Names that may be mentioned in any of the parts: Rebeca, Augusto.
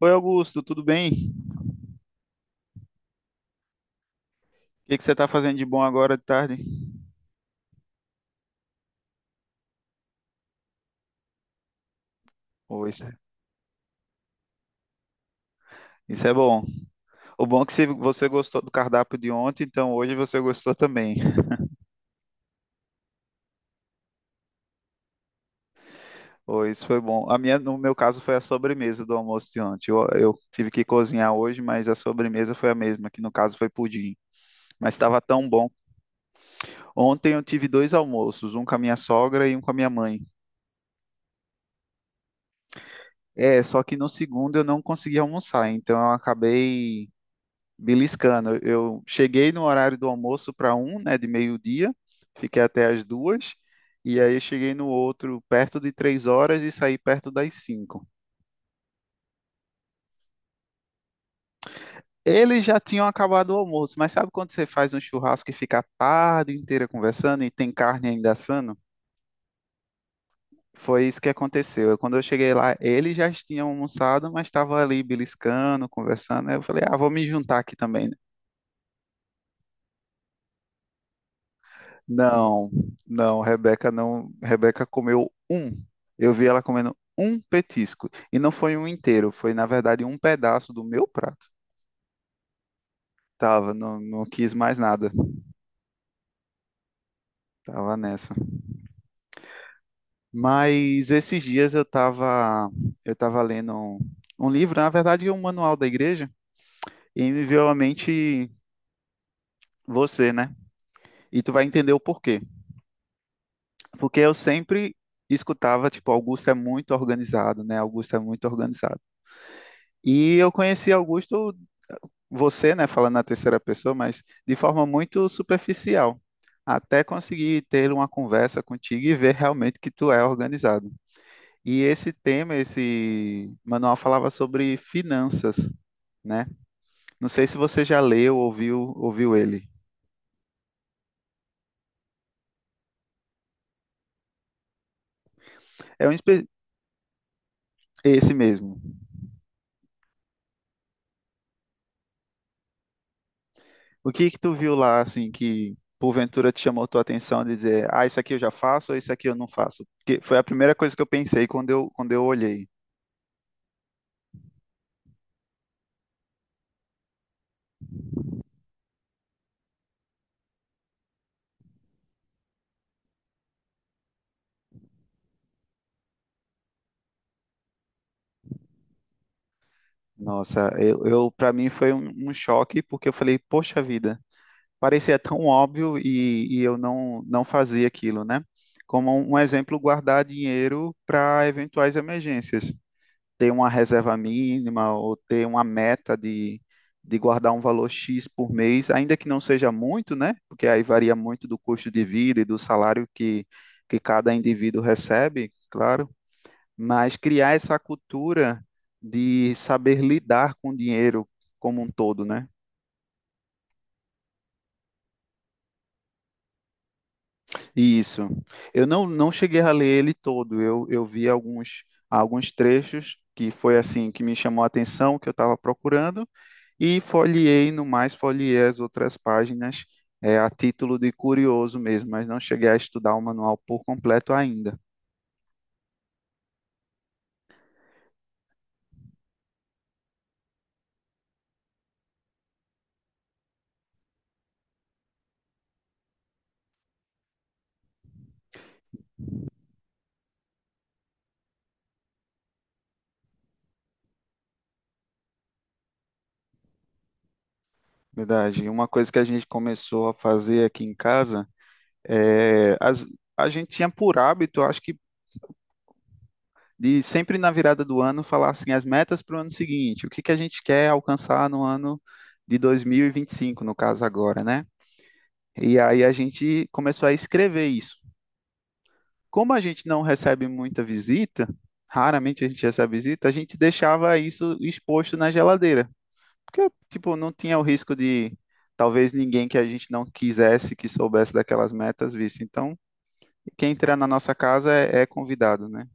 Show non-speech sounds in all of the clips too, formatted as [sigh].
Oi, Augusto, tudo bem? O que que você está fazendo de bom agora de tarde? Ô, isso, isso é bom. O bom é que se você gostou do cardápio de ontem, então hoje você gostou também. Ô, isso foi bom. A minha, no meu caso, foi a sobremesa do almoço de ontem. Eu tive que cozinhar hoje, mas a sobremesa foi a mesma, que no caso foi pudim. Mas estava tão bom. Ontem eu tive dois almoços, um com a minha sogra e um com a minha mãe. É, só que no segundo eu não consegui almoçar, então eu acabei beliscando. Eu cheguei no horário do almoço para um, né, de meio-dia, fiquei até as duas, e aí eu cheguei no outro perto de 3 horas e saí perto das cinco. Eles já tinham acabado o almoço, mas sabe quando você faz um churrasco e fica a tarde inteira conversando e tem carne ainda assando? Foi isso que aconteceu. Quando eu cheguei lá, eles já tinham almoçado, mas estavam ali beliscando, conversando. Aí eu falei, ah, vou me juntar aqui também. Não, não, Rebeca não. Rebeca comeu um. Eu vi ela comendo um petisco. E não foi um inteiro, foi na verdade um pedaço do meu prato. Tava, não, não quis mais nada. Tava nessa. Mas esses dias eu tava lendo um livro, na verdade um manual da igreja, e me veio à mente você, né? E tu vai entender o porquê. Porque eu sempre escutava, tipo, Augusto é muito organizado, né? Augusto é muito organizado. E eu conheci Augusto você, né, falando na terceira pessoa, mas de forma muito superficial, até conseguir ter uma conversa contigo e ver realmente que tu é organizado. E esse tema, esse manual falava sobre finanças, né? Não sei se você já leu, ou ouviu, ele. É um espe- Esse mesmo. O que que tu viu lá, assim, que porventura te chamou tua atenção de dizer, ah, isso aqui eu já faço ou isso aqui eu não faço? Porque foi a primeira coisa que eu pensei quando eu olhei. Nossa, eu para mim foi um choque porque eu falei, poxa vida, parecia tão óbvio e eu não fazia aquilo, né? Como um exemplo, guardar dinheiro para eventuais emergências, ter uma reserva mínima ou ter uma meta de guardar um valor X por mês, ainda que não seja muito, né? Porque aí varia muito do custo de vida e do salário que cada indivíduo recebe, claro, mas criar essa cultura de saber lidar com o dinheiro como um todo, né? Isso. Eu não cheguei a ler ele todo, eu vi alguns trechos que foi assim que me chamou a atenção, que eu estava procurando, e folheei, no mais, folheei as outras páginas é, a título de curioso mesmo, mas não cheguei a estudar o manual por completo ainda. Verdade. E uma coisa que a gente começou a fazer aqui em casa é as, a gente tinha por hábito, acho que de sempre na virada do ano falar assim as metas para o ano seguinte, o que que a gente quer alcançar no ano de 2025, no caso agora, né? E aí a gente começou a escrever isso. Como a gente não recebe muita visita, raramente a gente recebe visita, a gente deixava isso exposto na geladeira, porque tipo não tinha o risco de talvez ninguém que a gente não quisesse que soubesse daquelas metas visse. Então, quem entrar na nossa casa é convidado, né?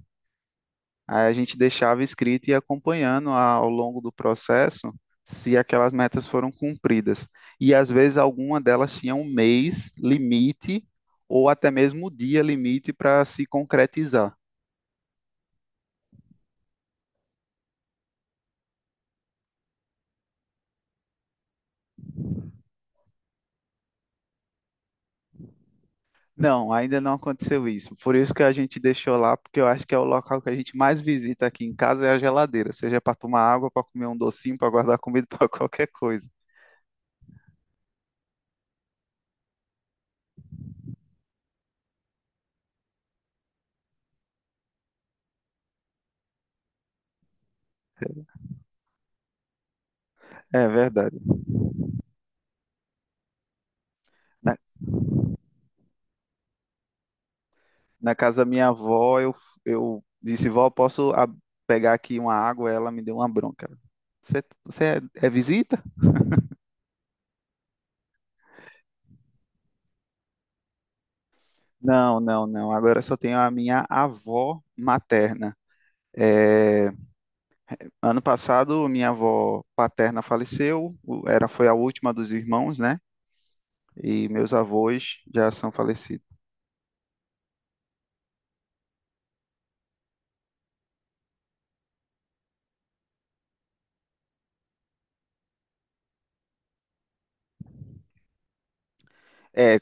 Aí a gente deixava escrito e ia acompanhando ao longo do processo se aquelas metas foram cumpridas. E às vezes alguma delas tinha um mês limite ou até mesmo o dia limite para se concretizar. Não, ainda não aconteceu isso. Por isso que a gente deixou lá, porque eu acho que é o local que a gente mais visita aqui em casa é a geladeira, seja para tomar água, para comer um docinho, para guardar comida, [laughs] para qualquer coisa. É verdade. Na, na casa da minha avó, eu disse, vó, posso pegar aqui uma água? Ela me deu uma bronca. Você é visita? Não, não, não. Agora só tenho a minha avó materna. É, ano passado, minha avó paterna faleceu, era, foi a última dos irmãos, né? E meus avós já são falecidos. É,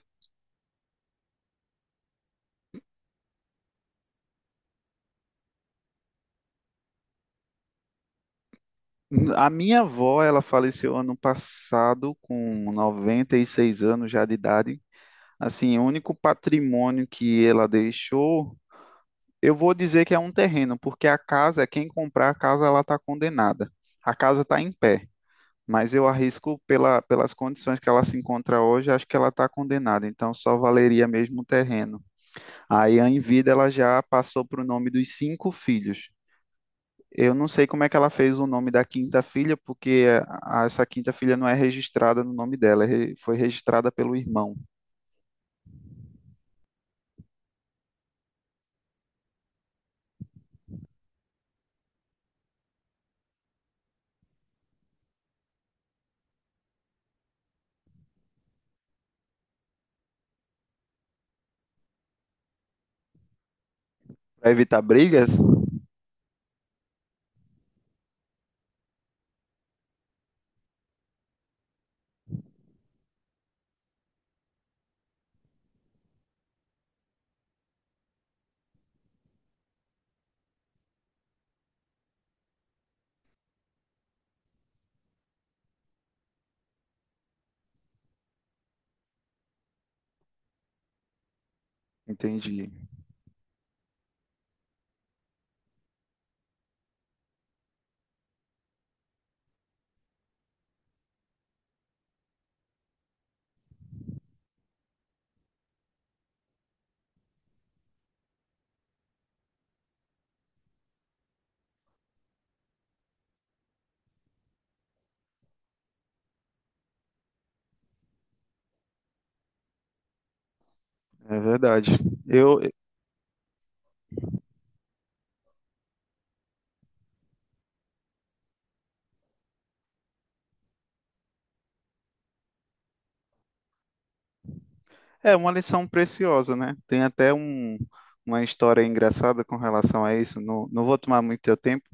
a minha avó, ela faleceu ano passado com 96 anos já de idade. Assim, o único patrimônio que ela deixou, eu vou dizer que é um terreno, porque a casa, quem comprar a casa, ela está condenada. A casa está em pé, mas eu arrisco pela, pelas condições que ela se encontra hoje, acho que ela está condenada, então só valeria mesmo o terreno. Aí, em vida, ela já passou para o nome dos cinco filhos. Eu não sei como é que ela fez o nome da quinta filha, porque essa quinta filha não é registrada no nome dela, foi registrada pelo irmão. Para evitar brigas? Entendi. É verdade. Eu, é uma lição preciosa, né? Tem até uma história engraçada com relação a isso. Não, não vou tomar muito teu tempo.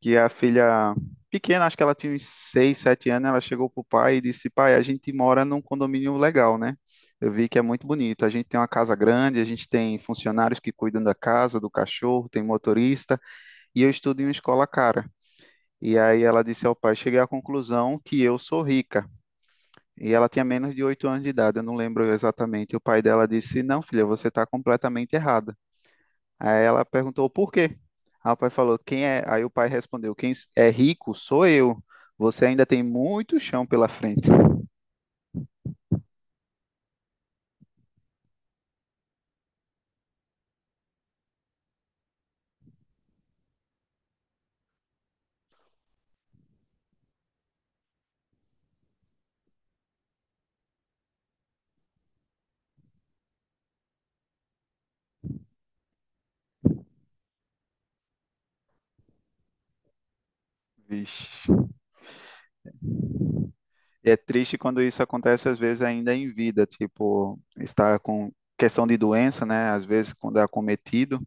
Que a filha pequena, acho que ela tinha uns 6 7 anos, ela chegou pro pai e disse: "Pai, a gente mora num condomínio legal, né? Eu vi que é muito bonito. A gente tem uma casa grande, a gente tem funcionários que cuidam da casa, do cachorro, tem motorista, e eu estudo em uma escola cara." E aí ela disse ao pai: "Cheguei à conclusão que eu sou rica." E ela tinha menos de 8 anos de idade, eu não lembro exatamente. E o pai dela disse: "Não, filha, você está completamente errada." Aí ela perguntou por quê? Aí o pai falou, quem é? Aí o pai respondeu, quem é rico sou eu. Você ainda tem muito chão pela frente. Vixe. E é triste quando isso acontece, às vezes, ainda em vida, tipo, está com questão de doença, né? Às vezes, quando é acometido.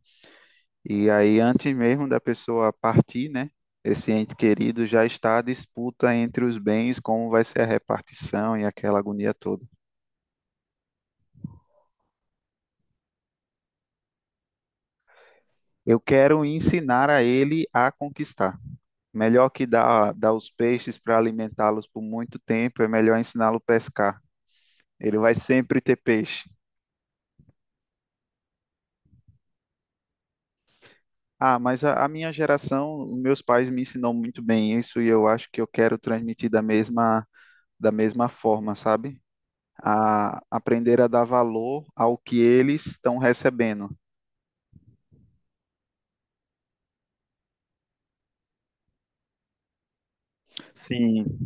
E aí, antes mesmo da pessoa partir, né, esse ente querido já está a disputa entre os bens, como vai ser a repartição e aquela agonia toda. Eu quero ensinar a ele a conquistar. Melhor que dar os peixes para alimentá-los por muito tempo, é melhor ensiná-lo a pescar. Ele vai sempre ter peixe. Ah, mas a minha geração, meus pais me ensinam muito bem isso e eu acho que eu quero transmitir da mesma forma, sabe? A aprender a dar valor ao que eles estão recebendo. Sim.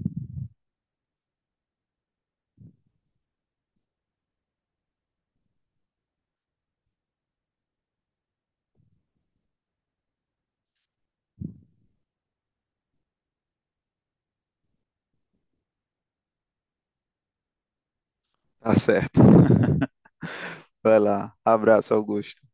Tá certo. Vai lá. Abraço, Augusto.